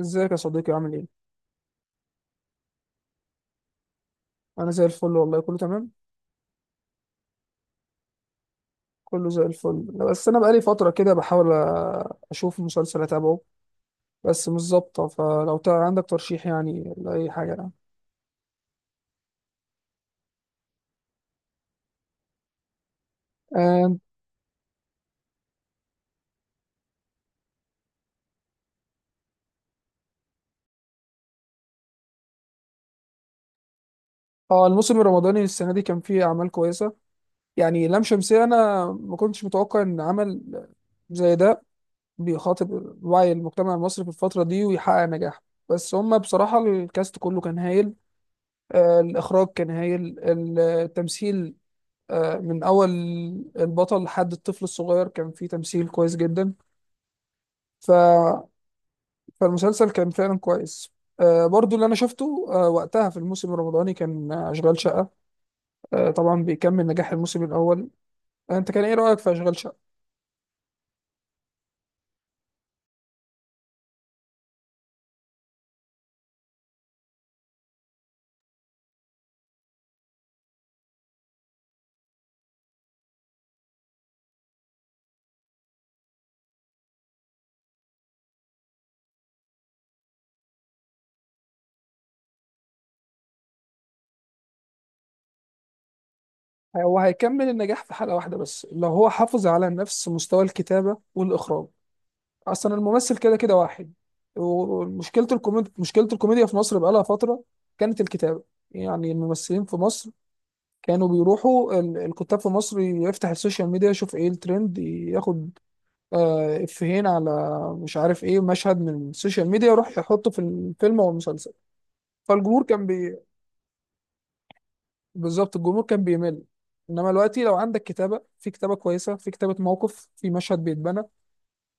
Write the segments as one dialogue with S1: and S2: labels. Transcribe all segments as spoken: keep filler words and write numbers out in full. S1: ازيك يا صديقي عامل ايه؟ انا زي الفل والله كله تمام. كله زي الفل. بس انا بقالي فترة كده بحاول أ- اشوف مسلسل اتابعه. بس مش ظابطة، فلو تع- عندك ترشيح يعني لأي حاجة يعني. آم، اه، الموسم الرمضاني السنة دي كان فيه اعمال كويسة. يعني لام شمسية انا ما كنتش متوقع ان عمل زي ده بيخاطب وعي المجتمع المصري في الفترة دي ويحقق نجاح. بس هما بصراحة الكاست كله كان هايل. آه، الإخراج كان هايل، التمثيل. آه، من أول البطل لحد الطفل الصغير كان فيه تمثيل كويس جدا. ف... فالمسلسل كان فعلا كويس. آه، برضو اللي أنا شفته آه، وقتها في الموسم الرمضاني كان آه، أشغال شقة. آه، طبعا بيكمل نجاح الموسم الأول. آه، أنت كان إيه رأيك في أشغال شقة؟ هو هيكمل النجاح في حلقة واحدة بس لو هو حافظ على نفس مستوى الكتابة والإخراج. أصلا الممثل كده كده واحد. ومشكلة الكوميديا مشكلة الكوميديا في مصر بقالها فترة. كانت الكتابة، يعني الممثلين في مصر كانوا بيروحوا، ال- الكتاب في مصر يفتح السوشيال ميديا يشوف ايه الترند، ياخد آه، افيهين على، مش عارف ايه، مشهد من السوشيال ميديا يروح يحطه في الفيلم او المسلسل. فالجمهور كان بي... بالظبط الجمهور كان بيمل. انما دلوقتي لو عندك كتابة، في كتابة كويسة، في كتابة موقف، في مشهد بيتبنى،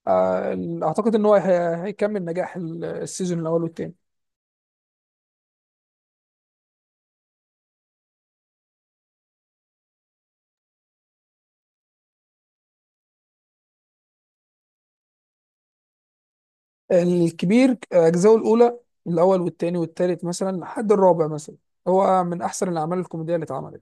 S1: آه، ال- اعتقد ان هو هي- هيكمل نجاح ال- السيزون الاول والتاني. الكبير اجزاءه الاولى، الاول والتاني والتالت مثلا لحد الرابع مثلا، هو من احسن الاعمال الكوميدية اللي اتعملت.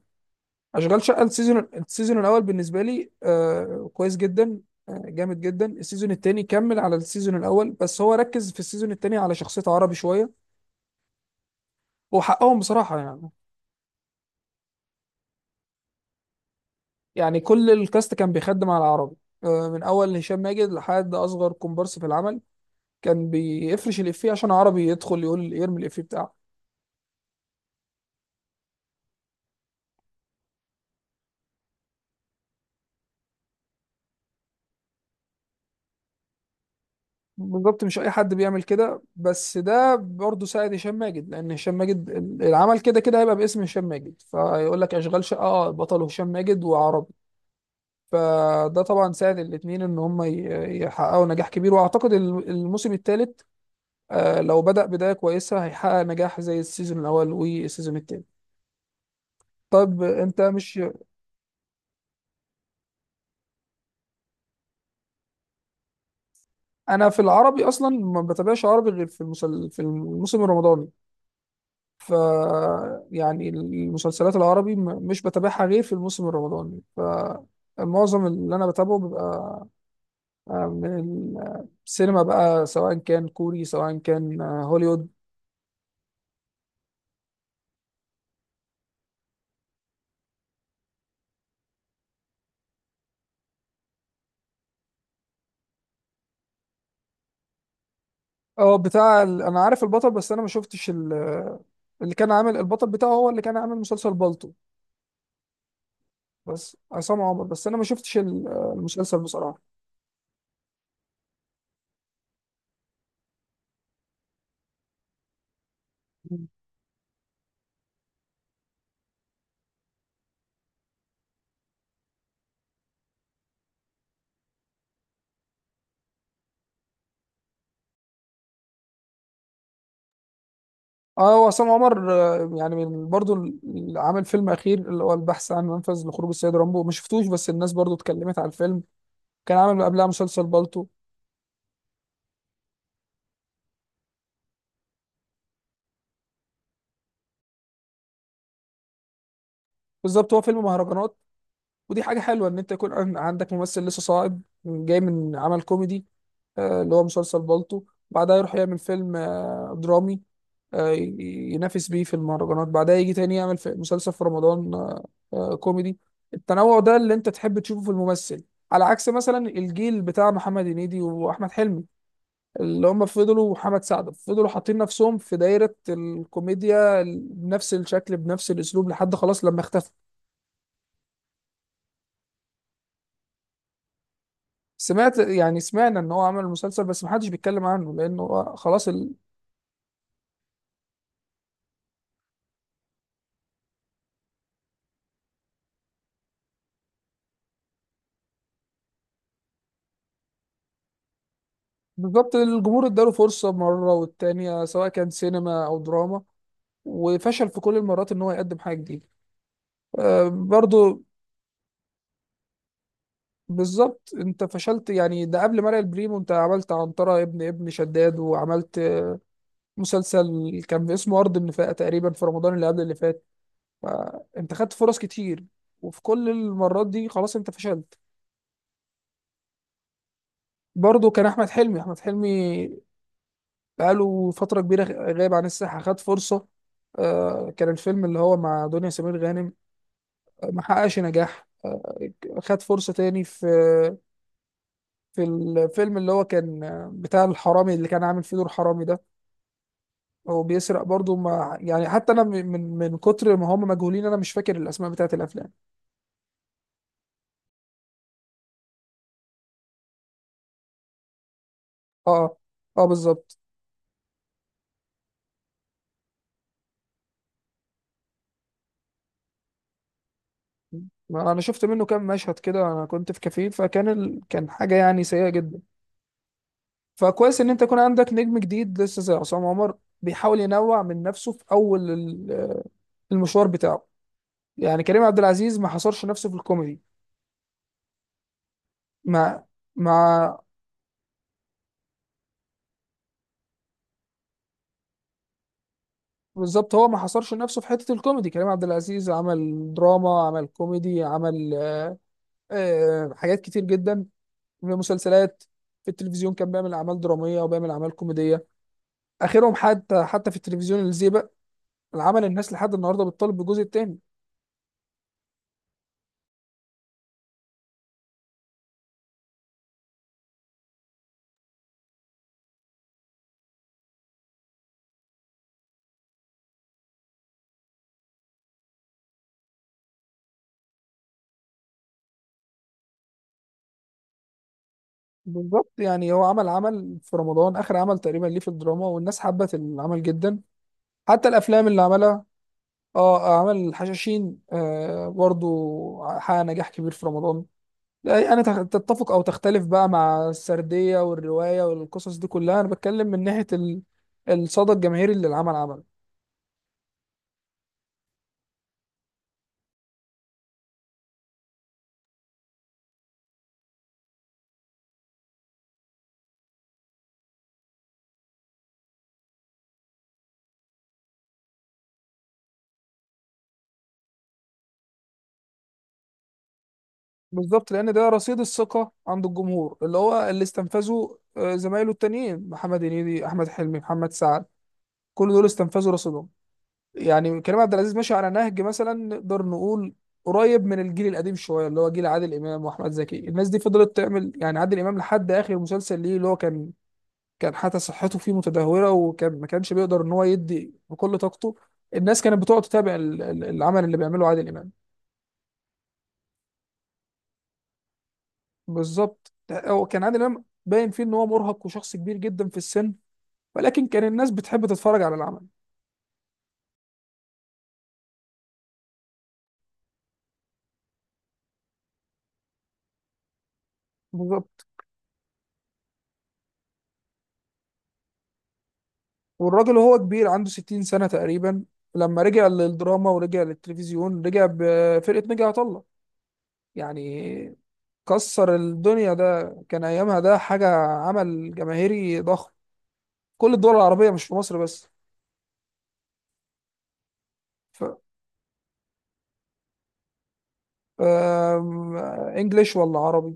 S1: اشغال شقه السيزون السيزون الاول بالنسبه لي آه كويس جدا. آه جامد جدا. السيزون التاني كمل على السيزون الاول، بس هو ركز في السيزون التاني على شخصيه عربي شويه، وحقهم بصراحه يعني. يعني كل الكاست كان بيخدم على عربي. آه من اول هشام ماجد لحد اصغر كومبارس في العمل كان بيفرش الافيه عشان عربي يدخل يقول، يرمي الافيه بتاعه. بالظبط، مش اي حد بيعمل كده. بس ده برضه ساعد هشام ماجد، لان هشام ماجد العمل كده كده هيبقى باسم هشام ماجد، فيقول لك اشغال شقه، اه، بطل هشام ماجد وعربي. فده طبعا ساعد الاثنين ان هم ي- يحققوا نجاح كبير. واعتقد الم- الموسم الثالث لو بدأ بدايه كويسه هيحقق نجاح زي السيزون الاول والسيزون الثاني. طب انت مش. انا في العربي اصلا ما بتابعش عربي غير في المسل... في الموسم الرمضاني. ف يعني المسلسلات العربي م- مش بتابعها غير في الموسم الرمضاني، فمعظم اللي انا بتابعه بيبقى آه، من السينما بقى، سواء كان كوري سواء كان آه، هوليوود. اه، بتاع ال... انا عارف البطل، بس انا ما شفتش ال... اللي كان عامل البطل بتاعه هو اللي كان عامل مسلسل بالطو. بس عصام عمر، بس انا ما شفتش ال- المسلسل بصراحة. اه، وعصام عمر آه، يعني من برضو ال- عامل فيلم اخير اللي هو البحث عن منفذ لخروج السيد رامبو، ما شفتوش، بس الناس برضو اتكلمت على الفيلم. كان عامل قبلها مسلسل بالطو. بالظبط، هو فيلم مهرجانات. ودي حاجة حلوة ان انت يكون عن- عندك ممثل لسه صاعد جاي من عمل كوميدي، آه، اللي هو مسلسل بالطو، بعدها يروح يعمل فيلم آه، درامي، آه، ي- ينافس بيه في المهرجانات، بعدها يجي تاني يعمل في مسلسل في رمضان آه، آه، كوميدي. التنوع ده اللي انت تحب تشوفه في الممثل، على عكس مثلا الجيل بتاع محمد هنيدي واحمد حلمي، اللي هم فضلوا، وحمد سعد فضلوا حاطين نفسهم في دايرة الكوميديا بنفس الشكل بنفس الاسلوب لحد خلاص لما اختفى. سمعت، يعني سمعنا ان هو عمل مسلسل، بس محدش بيتكلم عنه لانه هو خلاص ال... بالظبط، الجمهور اداله فرصة مرة والتانية، سواء كان سينما او دراما، وفشل في كل المرات ان هو يقدم حاجه جديده. آه، برضو، بالظبط. انت فشلت، يعني ده قبل مرق البريمو انت عملت عنترة ابن ابن شداد، وعملت مسلسل كان اسمه ارض النفاق تقريبا في رمضان اللي قبل اللي فات. انت خدت فرص كتير، وفي كل المرات دي خلاص انت فشلت. برضو كان احمد حلمي احمد حلمي بقاله فتره كبيره غايب عن الساحه. خد فرصه، آه، كان الفيلم اللي هو مع دنيا سمير غانم، آه، ما حققش نجاح. آه، خد فرصة تاني في في الفيلم اللي هو كان بتاع الحرامي، اللي كان عامل فيه دور حرامي ده، هو بيسرق برضه مع، يعني حتى انا من من من كتر ما هم مجهولين انا مش فاكر الاسماء بتاعت الافلام. اه، اه، آه، بالظبط. ما انا شفت منه كام مشهد كده، انا كنت في كافيه، فكان ال... كان حاجه يعني سيئه جدا. فكويس ان انت يكون عندك نجم جديد لسه زي عصام عمر، بيحاول ينوع من نفسه في اول ال- المشوار بتاعه. يعني كريم عبد العزيز ما حصرش نفسه في الكوميدي. ما ما بالظبط، هو ما حصرش نفسه في حتة الكوميدي. كريم عبد العزيز عمل دراما، عمل كوميدي، عمل آه، حاجات كتير جدا، في مسلسلات، في التلفزيون كان بيعمل أعمال درامية وبيعمل أعمال كوميدية. آخرهم حتى حتى في التلفزيون الزيبق، العمل الناس لحد النهاردة بتطالب بالجزء التاني. بالظبط، يعني هو عمل عمل في رمضان آخر عمل تقريبا ليه في الدراما، والناس حبت العمل جدا، حتى الأفلام اللي عملها. اه، عمل الحشاشين، آه برضو حقق نجاح كبير في رمضان. لا انا تخ- تتفق او تختلف بقى مع السرديه والروايه والقصص دي كلها، انا بتكلم من ناحيه ال- الصدى الجماهيري اللي العمل عمله. بالظبط، لان ده رصيد الثقه عند الجمهور اللي هو اللي استنفذه آه، زمايله التانيين محمد هنيدي، احمد حلمي، محمد سعد، كل دول استنفذوا رصيدهم. يعني كريم عبد العزيز ماشي على نهج، مثلا نقدر نقول قريب من الجيل القديم شويه، اللي هو جيل عادل امام واحمد زكي، الناس دي فضلت تعمل. يعني عادل امام لحد اخر مسلسل ليه اللي هو كان، كان حتى صحته فيه متدهوره، وكان ما كانش بيقدر ان هو يدي بكل طاقته، الناس كانت بتقعد تتابع ال- ال- العمل اللي بيعمله عادل امام. بالظبط، هو كان عادل امام باين فيه ان هو مرهق وشخص كبير جدا في السن، ولكن كان الناس بتحب تتفرج على العمل. بالظبط، والراجل وهو كبير عنده ستين سنه تقريبا، لما رجع للدراما ورجع للتلفزيون رجع بفرقه نجا عطا الله. يعني كسر الدنيا ده كان ايامها، ده حاجه، عمل جماهيري ضخم، كل الدول العربيه، مش في مصر بس. ف آه، انجليش ولا عربي؟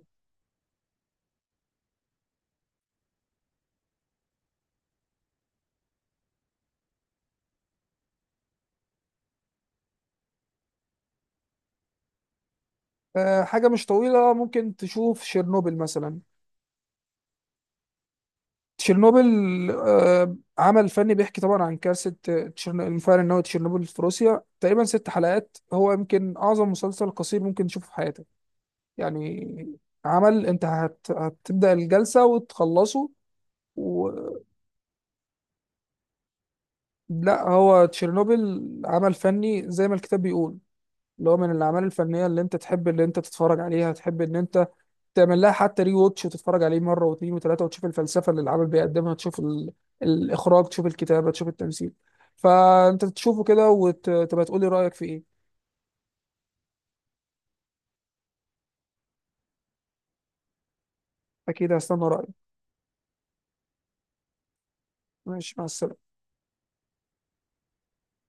S1: آه، حاجة مش طويلة، ممكن تشوف شيرنوبل مثلا، تشيرنوبل. آه، عمل فني بيحكي طبعا عن كارثة تشيرن- المفاعل النووي تشيرنوبل في روسيا. تقريبا ست حلقات. هو يمكن أعظم مسلسل قصير ممكن تشوفه في حياتك. يعني عمل أنت هت... هتبدأ الجلسة وتخلصه. و... لا، هو تشيرنوبل عمل فني زي ما الكتاب بيقول، اللي هو من الأعمال الفنية اللي أنت تحب، اللي أنت تتفرج عليها تحب إن أنت تعمل لها حتى ري ووتش، وتتفرج عليه مره واثنين وثلاثه، وتشوف الفلسفه اللي العمل بيقدمها، تشوف ال... الاخراج، تشوف الكتابه، تشوف التمثيل. فانت تشوفه كده وتبقى تقول لي رايك في ايه. اكيد هستنى رايك. ماشي، مع السلامه.